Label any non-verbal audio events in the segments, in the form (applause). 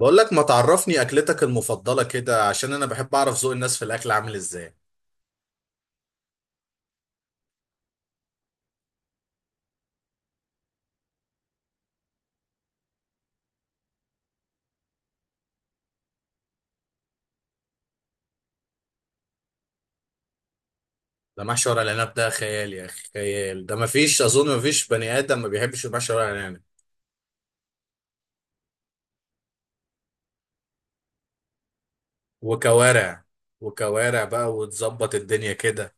بقول لك ما تعرفني اكلتك المفضله كده، عشان انا بحب اعرف ذوق الناس في الاكل عامل ازاي. ده محشي ورق العنب ده خيال يا اخي، خيال. ده ما فيش، اظن ما فيش بني ادم ما بيحبش المحشي ورق العنب. وكوارع. وكوارع بقى وتظبط الدنيا كده.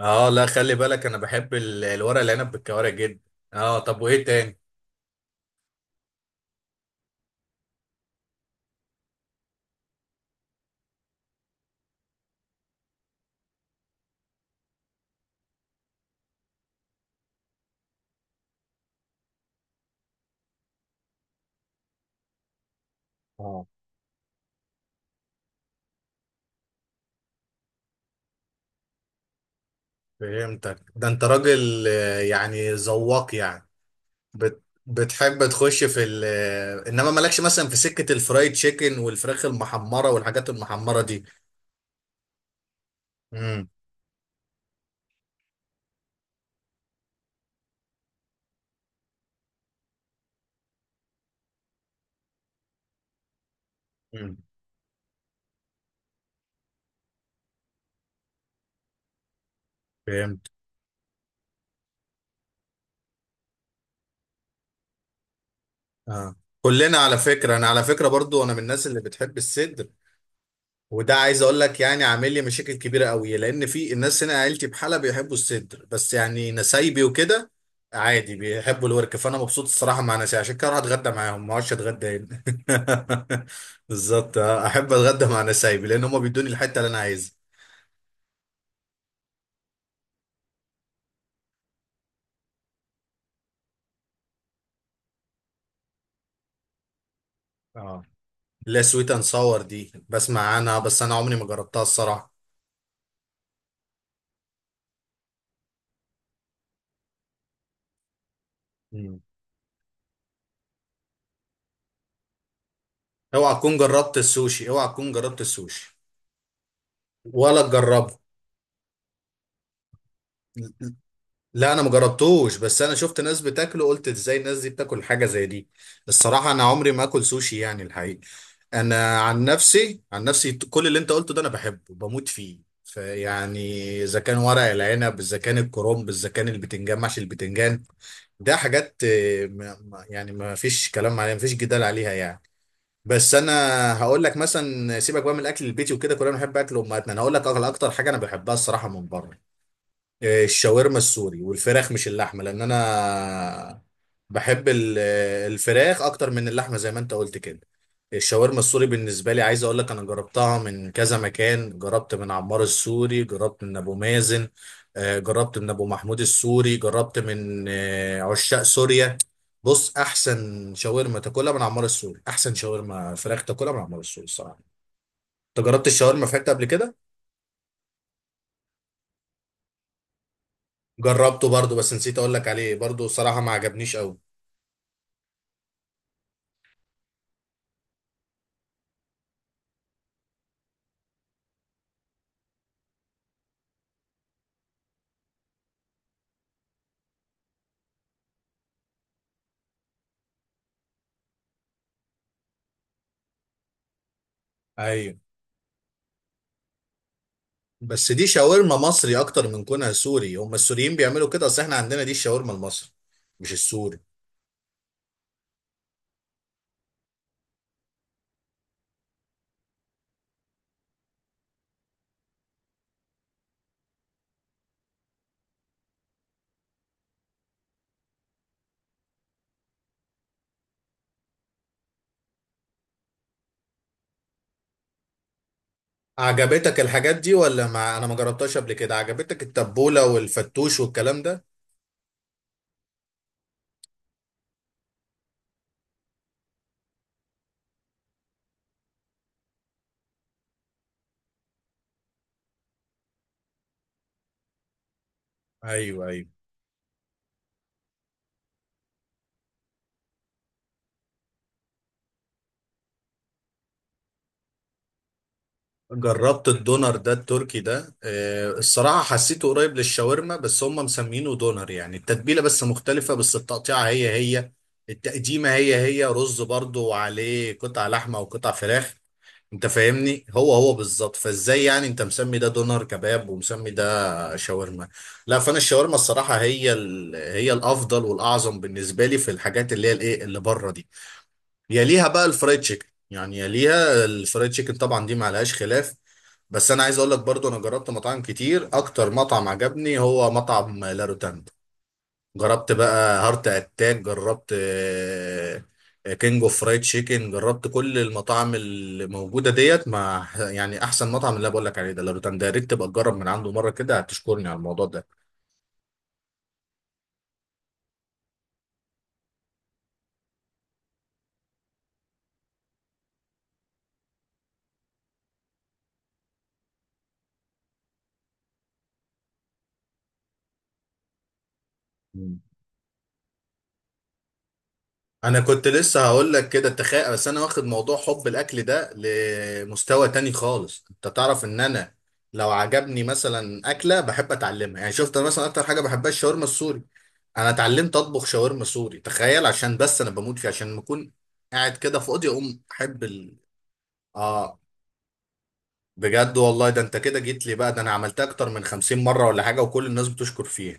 اه لا، خلي بالك انا بحب الورق العنب بالكوارع جدا. اه، طب وايه تاني؟ اه، فهمتك. ده انت راجل، يعني ذواق يعني. بت... بتحب تخش في ال انما مالكش مثلا في سكة الفرايد تشيكن والفراخ المحمرة والحاجات المحمرة دي؟ امم. امم. فهمت. اه. كلنا على فكرة، انا على فكرة برضو انا من الناس اللي بتحب الصدر. وده عايز اقول لك، يعني عامل لي مشاكل كبيرة قوي، لان في الناس هنا عيلتي بحالة بيحبوا الصدر بس، يعني نسايبي وكده عادي بيحبوا الورك. فانا مبسوط الصراحة مع ناسي، عشان كده اروح اتغدى معاهم ما اقعدش اتغدى هنا. (laughs) بالظبط آه. احب اتغدى مع نسايبي، لان هم بيدوني الحتة اللي انا عايزها. اه لا، سويت اند ساور دي بسمع عنها بس انا عمري ما جربتها الصراحه. مم. اوعى تكون جربت السوشي، اوعى تكون جربت السوشي. ولا تجربه. لا انا مجربتوش، بس انا شفت ناس بتاكله قلت ازاي الناس دي بتاكل حاجه زي دي. الصراحه انا عمري ما اكل سوشي يعني، الحقيقه. انا عن نفسي، عن نفسي كل اللي انت قلته ده انا بحبه بموت فيه فيعني. اذا كان ورق العنب، اذا كان الكرنب، اذا كان البتنجان، محشي البتنجان، ده حاجات، يعني ما فيش كلام عليها، ما فيش جدال عليها يعني. بس انا هقول لك مثلا، سيبك بقى من الاكل البيتي وكده، كلنا بنحب اكل امهاتنا. انا هقول لك اكتر حاجه انا بحبها الصراحه من بره الشاورما السوري والفراخ مش اللحمه، لان انا بحب الفراخ اكتر من اللحمه زي ما انت قلت كده. الشاورما السوري بالنسبه لي عايز اقول لك، انا جربتها من كذا مكان. جربت من عمار السوري، جربت من ابو مازن، جربت من ابو محمود السوري، جربت من عشاق سوريا. بص، احسن شاورما تاكلها من عمار السوري، احسن شاورما فراخ تاكلها من عمار السوري الصراحه. انت جربت الشاورما فراخ قبل كده؟ جربته برضو بس نسيت اقول لك عليه برضو، صراحه ما عجبنيش قوي. ايوه، بس دي شاورما مصري اكتر من كونها سوري. هم السوريين بيعملوا كده، اصل احنا عندنا دي الشاورما المصري مش السوري. عجبتك الحاجات دي ولا ما انا ما جربتهاش قبل كده؟ عجبتك التبولة والفتوش والكلام ده؟ ايوه ايوه. جربت الدونر ده التركي ده، الصراحة حسيته قريب للشاورما بس هم مسمينه دونر. يعني التتبيلة بس مختلفة، بس التقطيعة هي هي، التقديمة هي هي، رز برضو وعليه قطع لحمة وقطع فراخ. انت فاهمني، هو هو بالظبط. فازاي يعني انت مسمي ده دونر كباب ومسمي ده شاورما؟ لا، فانا الشاورما الصراحة هي الافضل والاعظم بالنسبة لي في الحاجات اللي هي الايه اللي بره دي. يليها بقى الفرايد تشيكن يعني، يليها الفرايد تشيكن طبعا، دي ما عليهاش خلاف. بس انا عايز اقول لك برضو، انا جربت مطاعم كتير. اكتر مطعم عجبني هو مطعم لا روتاند. جربت بقى هارت اتاك، جربت كينج اوف فرايد تشيكن، جربت كل المطاعم اللي موجوده ديت. مع يعني احسن مطعم اللي أنا بقول لك عليه ده لا روتاند ده، يا ريت تبقى تجرب من عنده مره كده، هتشكرني على الموضوع ده. انا كنت لسه هقول لك كده، تخيل. بس انا واخد موضوع حب الاكل ده لمستوى تاني خالص. انت تعرف ان انا لو عجبني مثلا اكله بحب اتعلمها. يعني شفت، انا مثلا اكتر حاجه بحبها الشاورما السوري، انا اتعلمت اطبخ شاورما سوري، تخيل. عشان بس انا بموت فيه، عشان لما اكون قاعد كده فاضي اقوم اه بجد والله، ده انت كده جيت لي بقى. ده انا عملتها اكتر من 50 مره ولا حاجه، وكل الناس بتشكر فيها.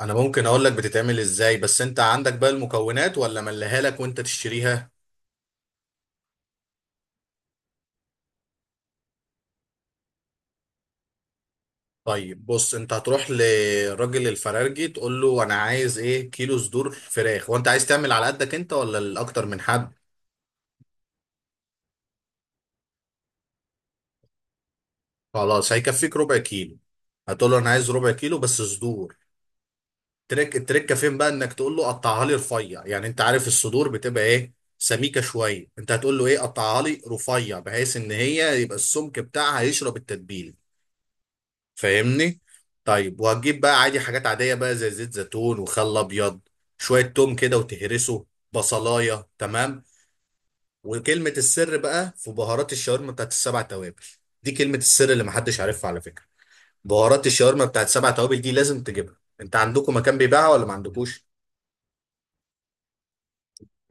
انا ممكن اقول لك بتتعمل ازاي، بس انت عندك بقى المكونات ولا ملهالك وانت تشتريها؟ طيب بص، انت هتروح لراجل الفرارجي تقول له انا عايز ايه كيلو صدور فراخ. وانت عايز تعمل على قدك انت ولا لاكتر من حد؟ خلاص هيكفيك ربع كيلو. هتقول له انا عايز ربع كيلو بس صدور. تريك التركه فين بقى انك تقول له قطعها لي رفيع. يعني انت عارف الصدور بتبقى ايه سميكه شويه، انت هتقول له ايه قطعها لي رفيع، بحيث ان هي يبقى السمك بتاعها يشرب التتبيله. فاهمني؟ طيب، وهتجيب بقى عادي حاجات عادية بقى زي زيت زيتون وخل أبيض، شوية توم كده وتهرسه بصلاية، تمام. وكلمة السر بقى في بهارات الشاورما بتاعت السبع توابل. دي كلمة السر اللي محدش عارفها على فكرة. بهارات الشاورما بتاعت السبع توابل دي لازم تجيبها. انت عندكم مكان بيبيعها ولا ما عندكوش؟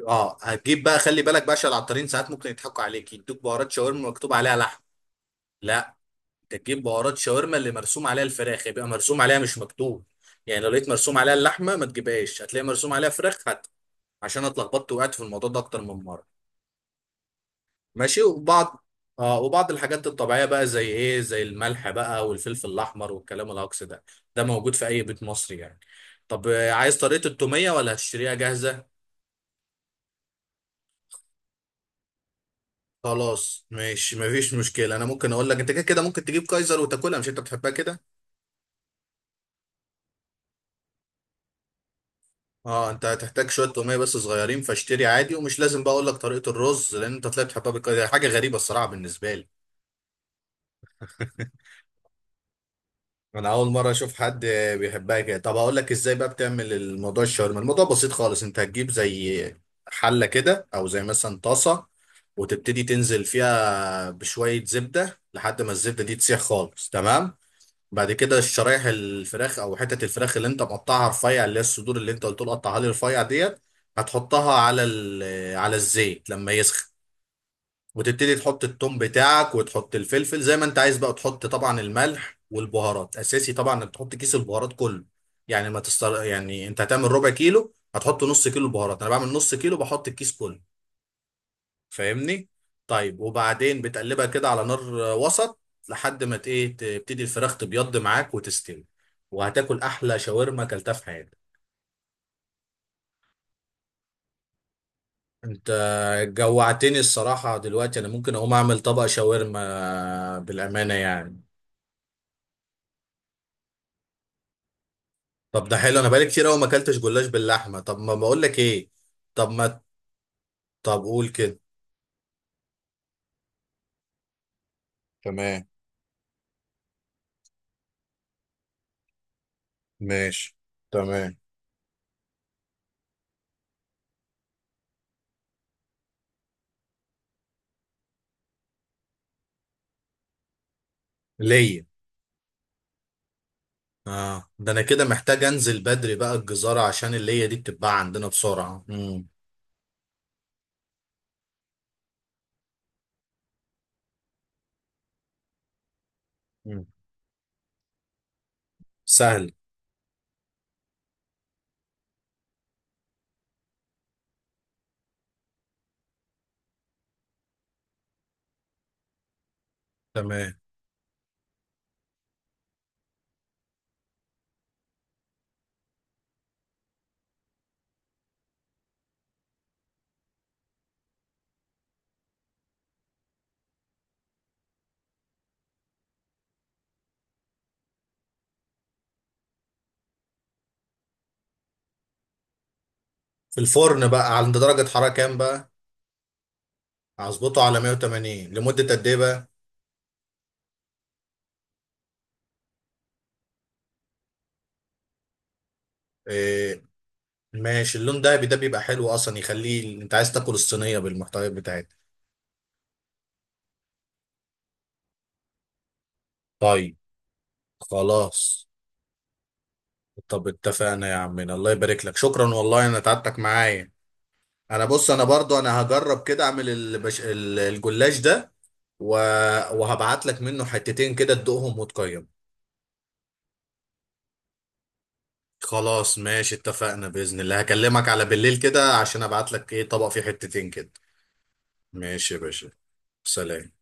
اه، هتجيب بقى. خلي بالك باشا، العطارين ساعات ممكن يضحكوا عليك يدوك بهارات شاورما مكتوب عليها لحم. لا، انت تجيب بهارات شاورما اللي مرسوم عليها الفراخ، يبقى مرسوم عليها مش مكتوب. يعني لو لقيت مرسوم عليها اللحمه ما تجيبهاش، هتلاقي مرسوم عليها فراخ، هات. عشان أنا اتلخبطت وقعت في الموضوع ده اكتر من مره. ماشي وبعض. اه، وبعض الحاجات الطبيعيه بقى زي ايه، زي الملح بقى والفلفل الاحمر والكلام الهجص ده. ده موجود في اي بيت مصري يعني. طب عايز طريقه التوميه ولا هتشتريها جاهزه؟ خلاص ماشي، مفيش مشكله. انا ممكن اقول لك انت كده كده ممكن تجيب كايزر وتاكلها، مش انت بتحبها كده؟ اه، انت هتحتاج شويه توميه بس صغيرين، فاشتري عادي. ومش لازم بقى اقول لك طريقه الرز لان انت طلعت تحبها دي حاجه غريبه الصراحه بالنسبه لي. انا اول مره اشوف حد بيحبها كده. طب اقول لك ازاي بقى بتعمل الموضوع الشاورما. الموضوع بسيط خالص، انت هتجيب زي حله كده او زي مثلا طاسه وتبتدي تنزل فيها بشويه زبده لحد ما الزبده دي تسيح خالص، تمام. بعد كده الشرايح الفراخ او حتت الفراخ اللي انت مقطعها رفيع اللي هي الصدور اللي انت قلت له قطعها لي رفيع ديت، هتحطها على على الزيت لما يسخن. وتبتدي تحط التوم بتاعك وتحط الفلفل زي ما انت عايز بقى. تحط طبعا الملح والبهارات، اساسي طبعا انك تحط كيس البهارات كله. يعني ما تستر... يعني انت هتعمل ربع كيلو هتحط نص كيلو بهارات؟ انا بعمل نص كيلو بحط الكيس كله. فاهمني؟ طيب، وبعدين بتقلبها كده على نار وسط لحد ما ايه تبتدي الفراخ تبيض معاك وتستوي. وهتاكل احلى شاورما اكلتها في حياتك. انت جوعتني الصراحة دلوقتي. انا ممكن اقوم اعمل طبق شاورما بالامانة يعني. طب ده حلو، انا بقالي كتير قوي ما اكلتش جلاش باللحمة. طب ما بقول لك ايه. طب ما طب قول كده. تمام. ماشي. تمام. ليا. اه، ده انا كده محتاج انزل بدري بقى الجزارة عشان اللية دي بتتباع عندنا بسرعة. مم. مم. سهل. تمام. في الفرن بقى عند درجة حرارة كام بقى؟ هظبطه على 180 لمدة قد ايه بقى؟ إيه. ماشي. اللون دهبي ده بيبقى حلو اصلا يخليه، انت عايز تاكل الصينية بالمحتويات بتاعتها. طيب. خلاص. طب اتفقنا يا عمنا، الله يبارك لك، شكرا والله، انا تعبتك معايا. انا بص، انا برضو انا هجرب كده اعمل الجلاش ده. و... وهبعت لك منه حتتين كده تدوقهم وتقيم. خلاص ماشي، اتفقنا بإذن الله. هكلمك على بالليل كده عشان ابعت لك ايه طبق فيه حتتين كده. ماشي يا باشا، سلام.